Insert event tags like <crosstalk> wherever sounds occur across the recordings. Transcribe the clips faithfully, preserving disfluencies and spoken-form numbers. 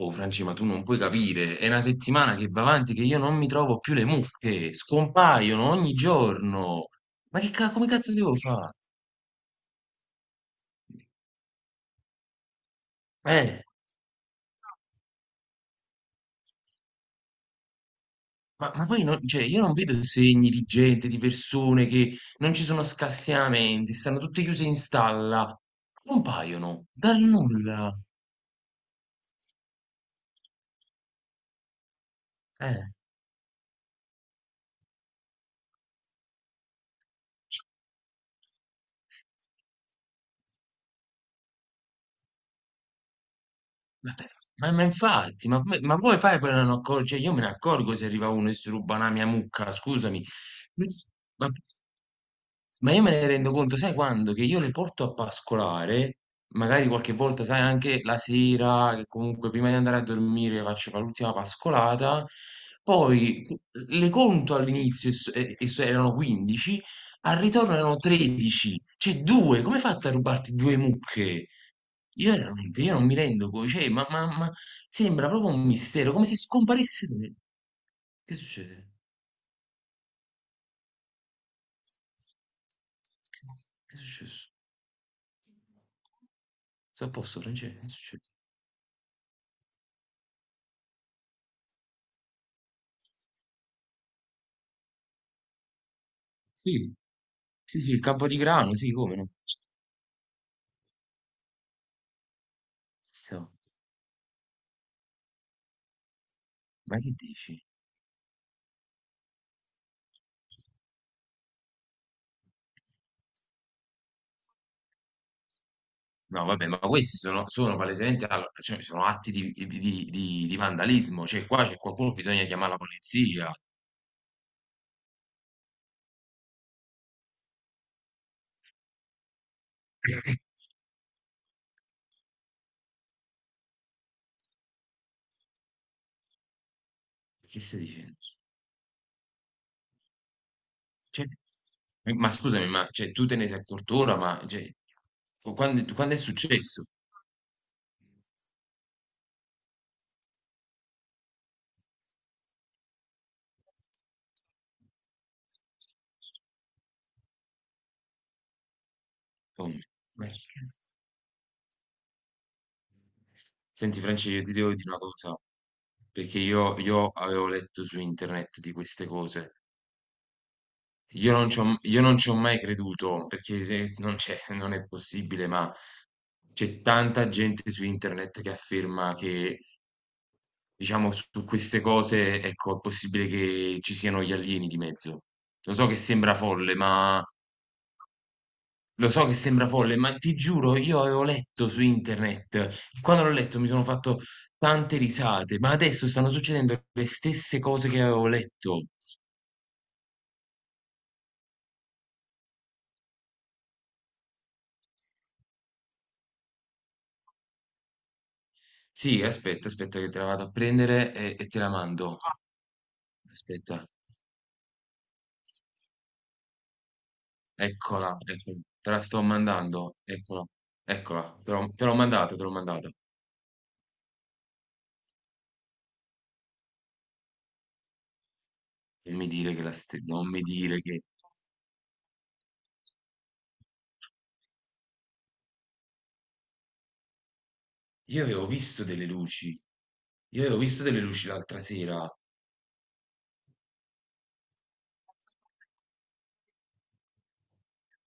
Oh Franci, ma tu non puoi capire, è una settimana che va avanti che io non mi trovo più le mucche, scompaiono ogni giorno. Ma che ca- come cazzo devo fare? Eh, ma, ma poi non- cioè, io non vedo segni di gente, di persone che non ci sono scassinamenti, stanno tutte chiuse in stalla, compaiono dal nulla. Eh, ma, ma- ma infatti, ma, come, ma come fai per non accorgere? Cioè, io me ne accorgo se arriva uno e si ruba una mia mucca, scusami. Ma Ma io me ne rendo conto, sai quando? Che io le porto a pascolare, magari qualche volta, sai, anche la sera, che comunque prima di andare a dormire faccio fare l'ultima pascolata, poi le conto all'inizio, e so- e- e so- erano quindici, al ritorno erano tredici, cioè due, come hai fatto a rubarti due mucche? Io veramente, io non mi rendo conto, cioè, ma, ma- ma sembra proprio un mistero, come se scomparissero. Che succede? Che, che è successo? Sta a posto, Francesco? Che succede? Sì. Sì, sì, il Campotigrano, sì, come no. Questo- Ma che dici? No, vabbè, ma questi sono, sono palesemente, allora, cioè, sono atti di, di- di- di- di vandalismo, cioè qua c'è qualcuno, bisogna chiamare la polizia. <laughs> Che stai dicendo? Cioè, ma scusami, ma cioè, tu te ne sei accorto ora, ma cioè, quando, quando è successo? Tommy? Ma che cazzo? Senti, Francesco, io ti devo dire una cosa perché io, io avevo letto su internet di queste cose. Io non ci ho io non ci ho mai creduto, perché se non c'è non è possibile, ma c'è tanta gente su internet che afferma che, diciamo, su queste cose, ecco, è possibile che ci siano gli alieni di mezzo. Lo so che sembra folle, ma lo so che sembra folle, ma ti giuro, io avevo letto su internet e quando l'ho letto mi sono fatto tante risate, ma adesso stanno succedendo le stesse cose che avevo letto. Sì, aspetta, aspetta che te la vado a prendere e, e te la mando. Aspetta, eccola, eccola, te la sto mandando, eccola, eccola, te l'ho te l'ho mandata, te l'ho mandata. Non mi dire che la ste- Non mi dire che... Io avevo visto delle luci, io avevo visto delle luci l'altra sera.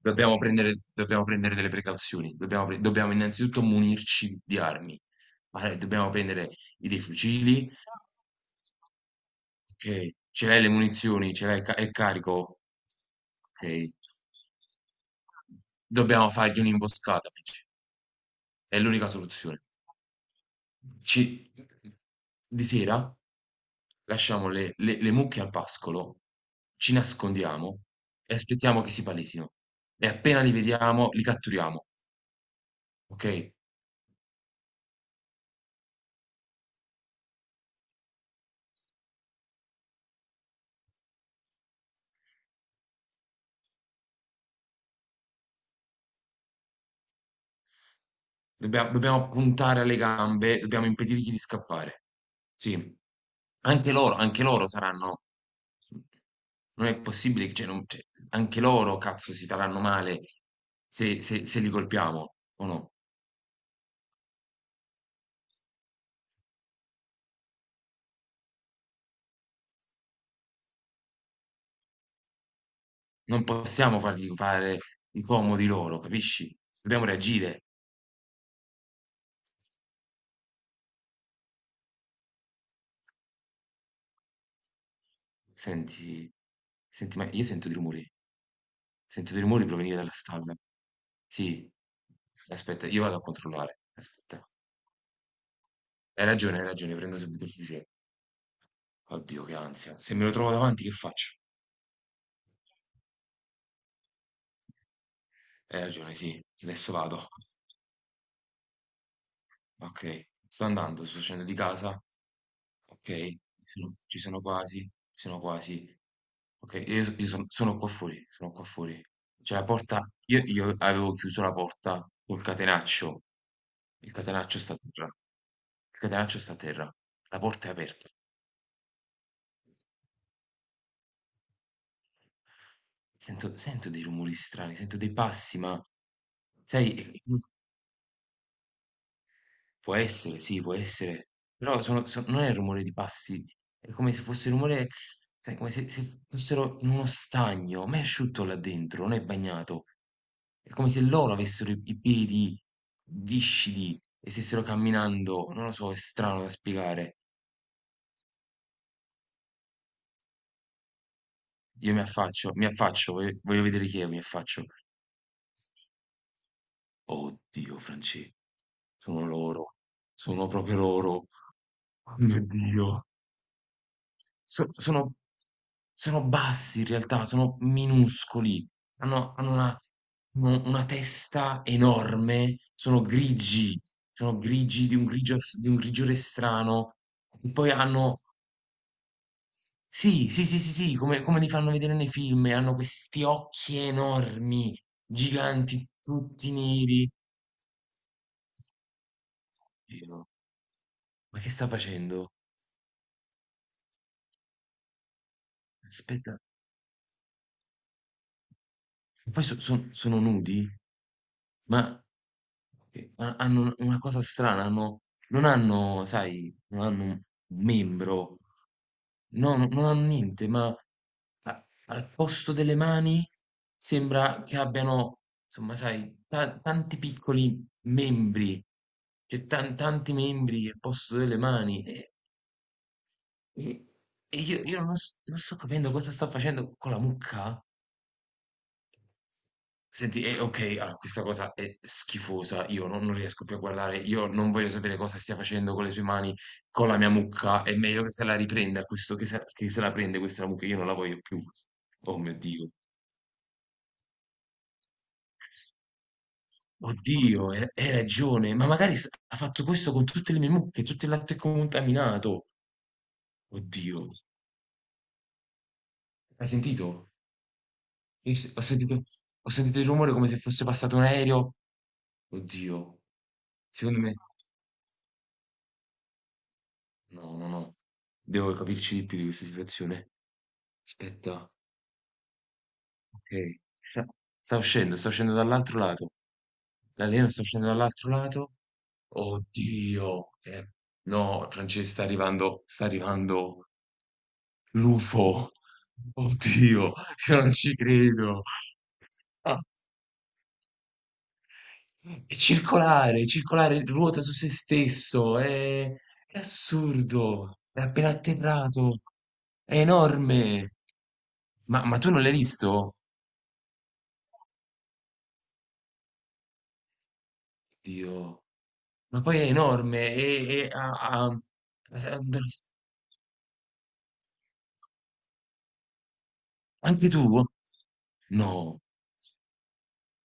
Dobbiamo prendere, dobbiamo prendere delle precauzioni, dobbiamo, pre- dobbiamo innanzitutto munirci di armi. Allora, dobbiamo prendere i- dei fucili, ok, ce l'hai le munizioni, ce l'hai, ca- è carico, ok. Dobbiamo fargli un'imboscata, Fitch. È l'unica soluzione. Ci di sera lasciamo le le le mucche al pascolo, ci nascondiamo e aspettiamo che si palesino e appena li vediamo li catturiamo, okay? Dobbia dobbiamo puntare alle gambe, dobbiamo impedirgli di scappare. Sì. Anche loro, anche loro saranno, non è possibile che cioè non cioè, anche loro cazzo si faranno male se se se li colpiamo, o no? Non possiamo fargli fare i comodi loro, capisci? Dobbiamo reagire. Senti, senti, ma io sento dei rumori. Sento dei rumori provenire dalla stalla. Sì, aspetta, io vado a controllare. Aspetta. Hai ragione, hai ragione, prendo subito il fucile. Oddio, che ansia. Se me lo trovo davanti, che faccio? Hai ragione, sì. Adesso vado. Ok, sto andando, sto uscendo di casa. Ok, ci sono ci sono quasi, ci sono quasi. Ok, io, so- io sono, sono qua fuori, sono qua fuori. C'è la porta, io, io avevo chiuso la porta col catenaccio, il catenaccio sta a terra, il catenaccio sta a terra, la porta è aperta. Sento, sento dei rumori strani, sento dei passi, ma sai, è- è come. Può essere, sì, può essere. Però sono so non è il rumore di passi, è come se fosse il rumore, sai, come se se fossero in uno stagno, ma è asciutto là dentro, non è bagnato. È come se loro avessero i i piedi viscidi e stessero camminando, non lo so, è strano da spiegare. Io mi affaccio, mi affaccio, voglio voglio vedere chi è, mi affaccio. Oddio, Francesco, sono loro, sono proprio loro. Oh mio Dio. So sono, sono bassi in realtà, sono minuscoli, hanno hanno una u una testa enorme, sono grigi, sono grigi di un grigio s di un grigiore strano, e poi hanno, sì, sì, sì, sì, sì, come come li fanno vedere nei film, e hanno questi occhi enormi, giganti, tutti neri. Dio, ma che sta facendo? Aspetta, poi so son sono nudi? Ma che ha hanno una cosa strana, hanno non hanno sai, non hanno un membro, no, non non hanno niente, ma a al posto delle mani sembra che abbiano, insomma sai, ta tanti piccoli membri, cioè tan tanti membri al posto delle mani e e e io io non s non sto capendo cosa sta facendo con la mucca. Senti, e okay, allora questa cosa è schifosa, io non non riesco più a guardare, io non voglio sapere cosa stia facendo con le sue mani, con la mia mucca, è meglio che se la riprenda questo, che se che se la prende questa mucca, io non la voglio più. Oh mio Dio. Oddio, hai hai ragione, ma magari s ha fatto questo con tutte le mie mucche, tutto il latte contaminato. Oddio, hai sentito? Io s Ho sentito, ho sentito il rumore come se fosse passato un aereo. Oddio, secondo me no, no, no, devo capirci di più di questa situazione. Aspetta, ok. Sta, sta uscendo, sta uscendo dall'altro lato. L'alieno sta uscendo dall'altro lato. Oddio. Eh, no, Francesca, sta arrivando, sta arrivando l'UFO. Oddio, io non ci credo. Ah, è circolare, è circolare, ruota su se stesso. È, è assurdo. È appena atterrato. È enorme. Ma, ma tu non l'hai visto? Oddio. Ma poi è enorme e, e ha, ha-. Anche tu? No,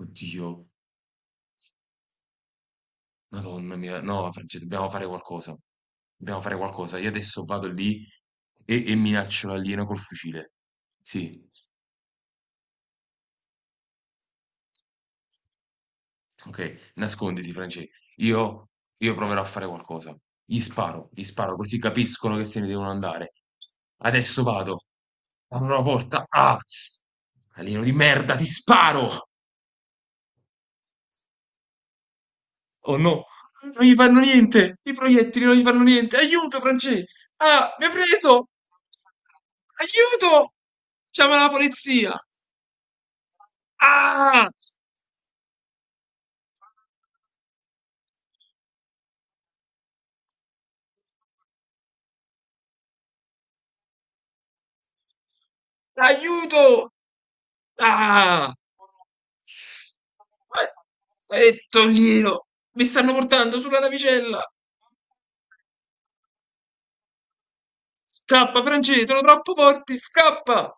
oddio, Madonna mia, no, Francesco, dobbiamo fare qualcosa. Dobbiamo fare qualcosa. Io adesso vado lì e, e minaccio l'alieno col fucile. Sì, ok, nasconditi, Francesco. Io, io proverò a fare qualcosa. Gli sparo, gli sparo, così capiscono che se ne devono andare. Adesso vado. Apro la porta. Ah! Alieno di merda, ti sparo! Oh no, non gli fanno niente! I proiettili non gli fanno niente! Aiuto, Francesco! Ah, mi ha preso! Aiuto! Chiama la polizia! Ah! Aiuto! Ah! E toglilo! Mi stanno portando sulla navicella! Scappa, Francesco, sono troppo forti! Scappa!